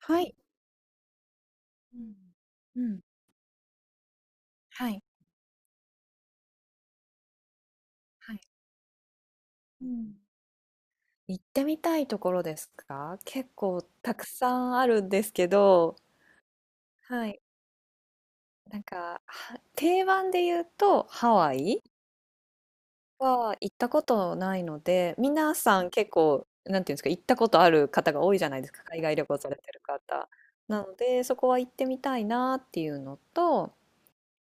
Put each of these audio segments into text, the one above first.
はい。うん。うん。はい。はい。うん。行ってみたいところですか？結構たくさんあるんですけど、はい。は定番で言うとハワイは行ったことないので、皆さん結構、なんていうんですか、行ったことある方が多いじゃないですか、海外旅行されてる方。なので、そこは行ってみたいなっていうのと、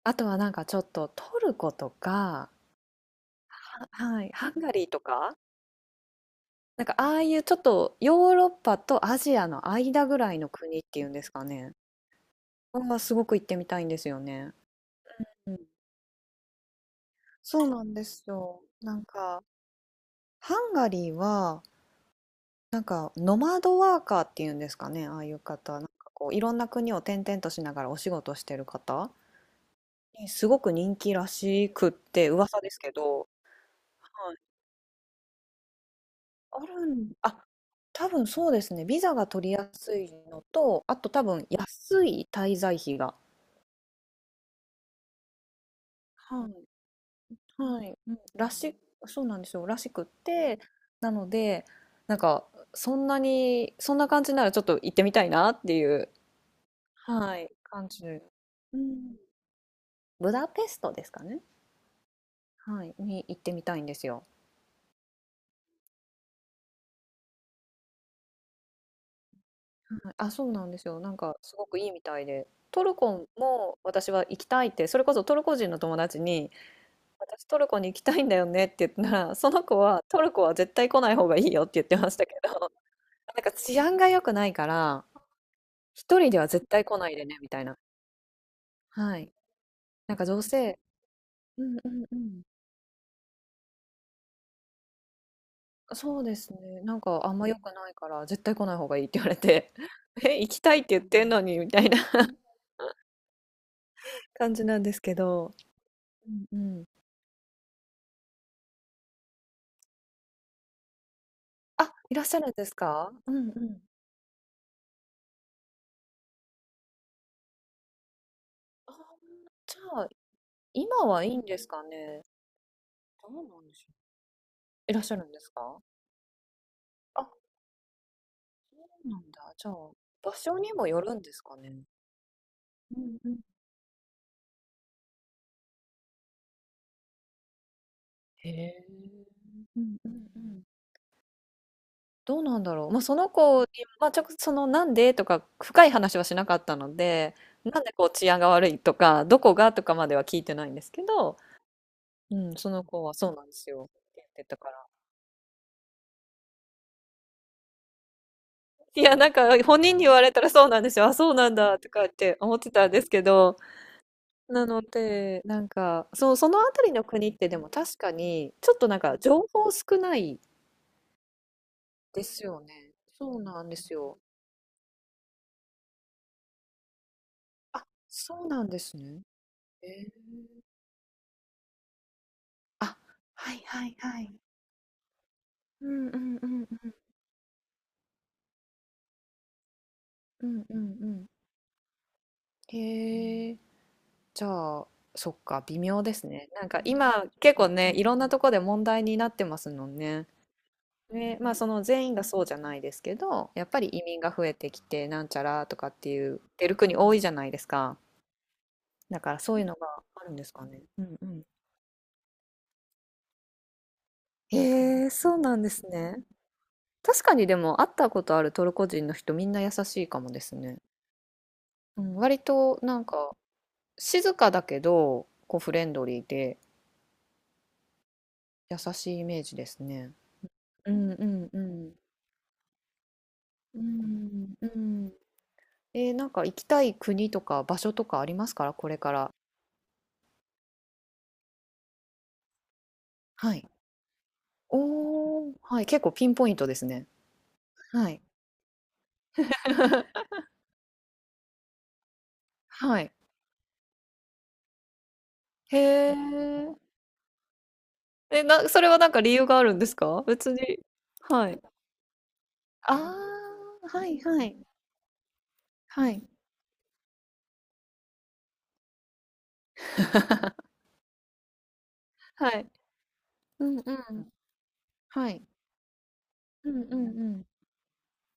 あとはなんかちょっとトルコとか、は、はい、ハンガリーとか、なんかああいうちょっとヨーロッパとアジアの間ぐらいの国っていうんですかね。はすごく行ってみたいんですよね。うん、そうなんですよ。なんかハンガリーはなんかノマドワーカーっていうんですかね。ああいう方、なんかこういろんな国を転々としながらお仕事してる方にすごく人気らしくって噂ですけど。はい、あるん、あ、多分そうですね。ビザが取りやすいのと、あと多分安い滞在費が。はい、はい、うん、らし、そうなんですよ、らしくって、なので、なんか、そんなに、そんな感じならちょっと行ってみたいなっていう、はい、感じで、うん、ブダペストですかね、はい、に行ってみたいんですよ。はい、あ、そうなんですよ、なんか、すごくいいみたいで、トルコも私は行きたいって、それこそトルコ人の友達に、私トルコに行きたいんだよねって言ったら、その子は、トルコは絶対来ない方がいいよって言ってましたけど、なんか治安が良くないから、一人では絶対来ないでね、みたいな。はい。なんかどうせ、うんうんうん。そうですね。なんかあんま良くないから、絶対来ない方がいいって言われて、え、行きたいって言ってんのにみたいな 感じなんですけど。うんうん。あ、いらっしゃるんですか？うんうん。ああ、じゃあ、今はいいんですかね？どうなんでしょう。いらっしゃるんですか？あ、そうなんだ。じゃあ、場所にもよるんですかね？うんうん。へえ。うんうんうん。どうなんだろう。まあ、その子に、まあ、直接そのなんでとか深い話はしなかったので、なんでこう治安が悪いとか、どこがとかまでは聞いてないんですけど、うん、その子はそうなんですよって言ってたから。いや、なんか本人に言われたらそうなんですよ。あ、そうなんだとかって思ってたんですけど、なので、なんか、そう、そのあたりの国ってでも確かに、ちょっとなんか情報少ないですよね。そうなんですよ。あ、そうなんですね。えー、あ、はいはいはい。うんうんうんうんうんうんうんうん。へえ、じゃあ、そっか、微妙ですね。なんか今、結構ね、いろんなとこで問題になってますもんね。ね、まあその全員がそうじゃないですけど、やっぱり移民が増えてきて、なんちゃらとかっていう、出る国多いじゃないですか。だからそういうのがあるんですかね。うんうん。へえ、そうなんですね。確かにでも会ったことあるトルコ人の人みんな優しいかもですね。うん、割となんか静かだけど、こうフレンドリーで、優しいイメージですね。うんうんうん。うんうん。えー、なんか行きたい国とか場所とかありますから、これから。はい。おー、はい、結構ピンポイントですね。はい。はい。へえ。え、な、それはなんか理由があるんですか？別に。はい。ああ、はいはい。はい。はい。うんうん。はい。うんうんうん。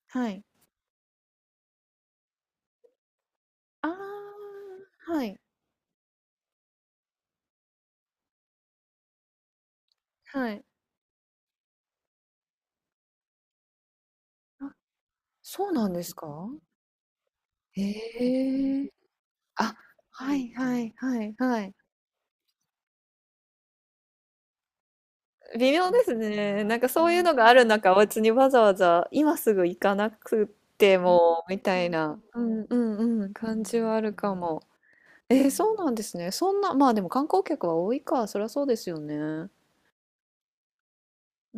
はい。ああ、はい、はい。あ、そうなんですか？へえ。あ、はいはいはいはい。微妙ですね。なんかそういうのがある中、別にわざわざ今すぐ行かなくてもみたいな、うんうんうん、感じはあるかも。えー、そうなんですね。そんな、まあでも観光客は多いか、そりゃそうですよね。う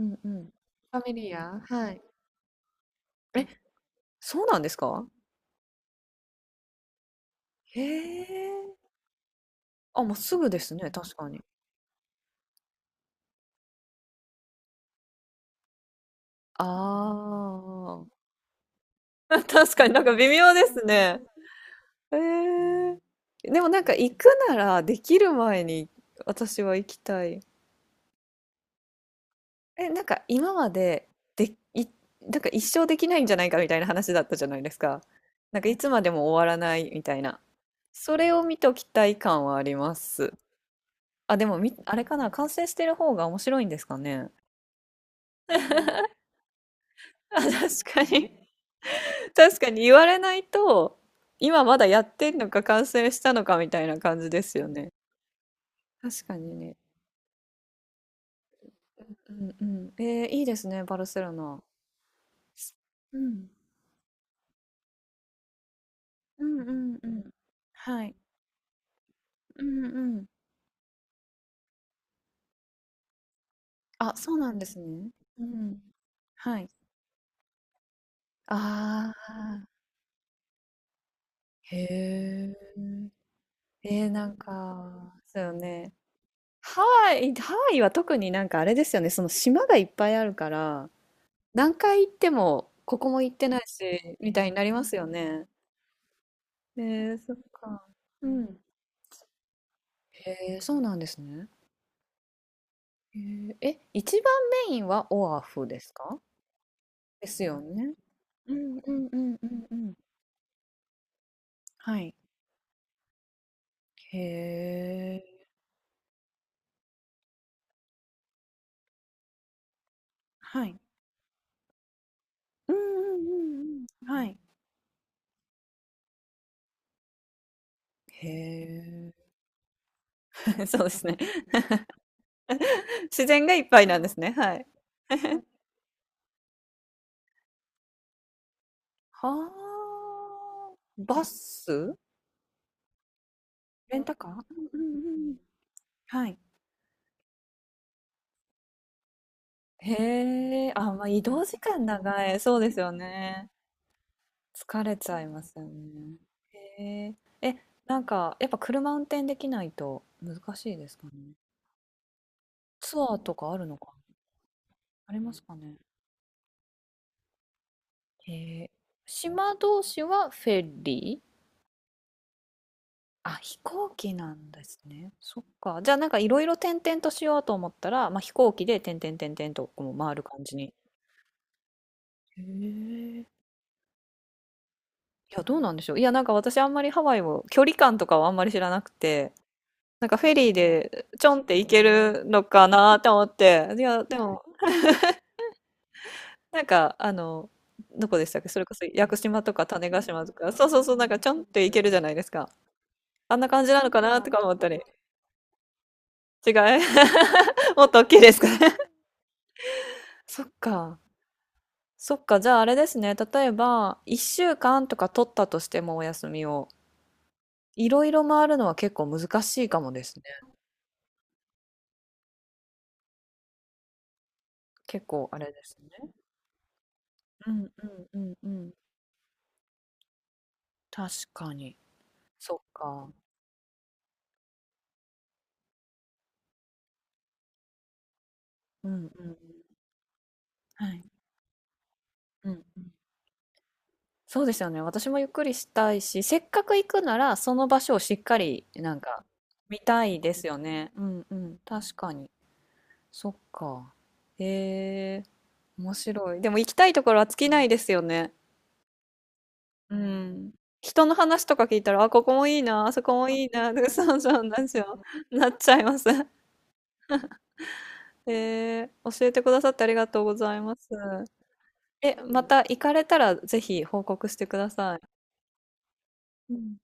んうん。ファミリア、はい。え、そうなんですか、へえ。あ、もうすぐですね、確かに。ああ。確かになんか微妙ですね。えー、でもなんか行くならできる前に私は行きたい。え、なんか今までで、い、なんか一生できないんじゃないかみたいな話だったじゃないですか。なんかいつまでも終わらないみたいな。それを見ときたい感はあります。あ、でもみ、あれかな、完成してる方が面白いんですかね。あ、確かに。確かに言われないと、今まだやってんのか完成したのかみたいな感じですよね。確かにね。うんうん。えー、いいですね、バルセロナ。うん。うんうんうん。はい。うんうん。あ、そうなんですね。うん。はい。ああ、へえ。えー、なんか、そうよね。ハワイ、ハワイは特になんかあれですよね、その島がいっぱいあるから、何回行っても、ここも行ってないし、みたいになりますよね。えー、そっか。うん。へえ、そうなんですね。へえ、え、一番メインはオアフですか？ですよね。うんうんうんうんうん。はい。へえ。はい。うんうんうんうん。はい。へえ。そうですね。自然がいっぱいなんですね。はい。はあ。バス？レンタカー？うんうんうんうん。はい。へえ、あ、まあ、移動時間長い。そうですよね。疲れちゃいますよね。へえ。え、なんか、やっぱ車運転できないと難しいですかね。ツアーとかあるのか、ありますかね。へえ。島同士はフェリー、あ、飛行機なんですね。そっか。じゃあなんかいろいろ転々としようと思ったら、まあ、飛行機で点々点々とこう回る感じに。へえ。いや、どうなんでしょう。いや、なんか私あんまりハワイを、距離感とかはあんまり知らなくて、なんかフェリーでちょんって行けるのかなと思って、いや、でも、なんか、あの、どこでしたっけ、それこそ屋久島とか種子島とか、そうそうそう、なんかちょんって行けるじゃないですか。あんな感じなのかなとか思ったり、違い、もっと大きいですかね。そっか。そっか、じゃああれですね、例えば、1週間とか取ったとしてもお休みを、いろいろ回るのは結構難しいかもですね。結構あれですね。うんうんうんうん。確かに。そっか。うんうん。はい。うんうん、そうですよね。私もゆっくりしたいし、せっかく行くなら、その場所をしっかり、なんか、見たいですよね。うんうん。確かに。そっか。へえ、面白い。でも行きたいところは尽きないですよね。うん。人の話とか聞いたら、あ、ここもいいな、あそこもいいな、とか、そうそうなんですよ。なっちゃいます。へえ、教えてくださってありがとうございます。え、また行かれたら、ぜひ報告してください。うん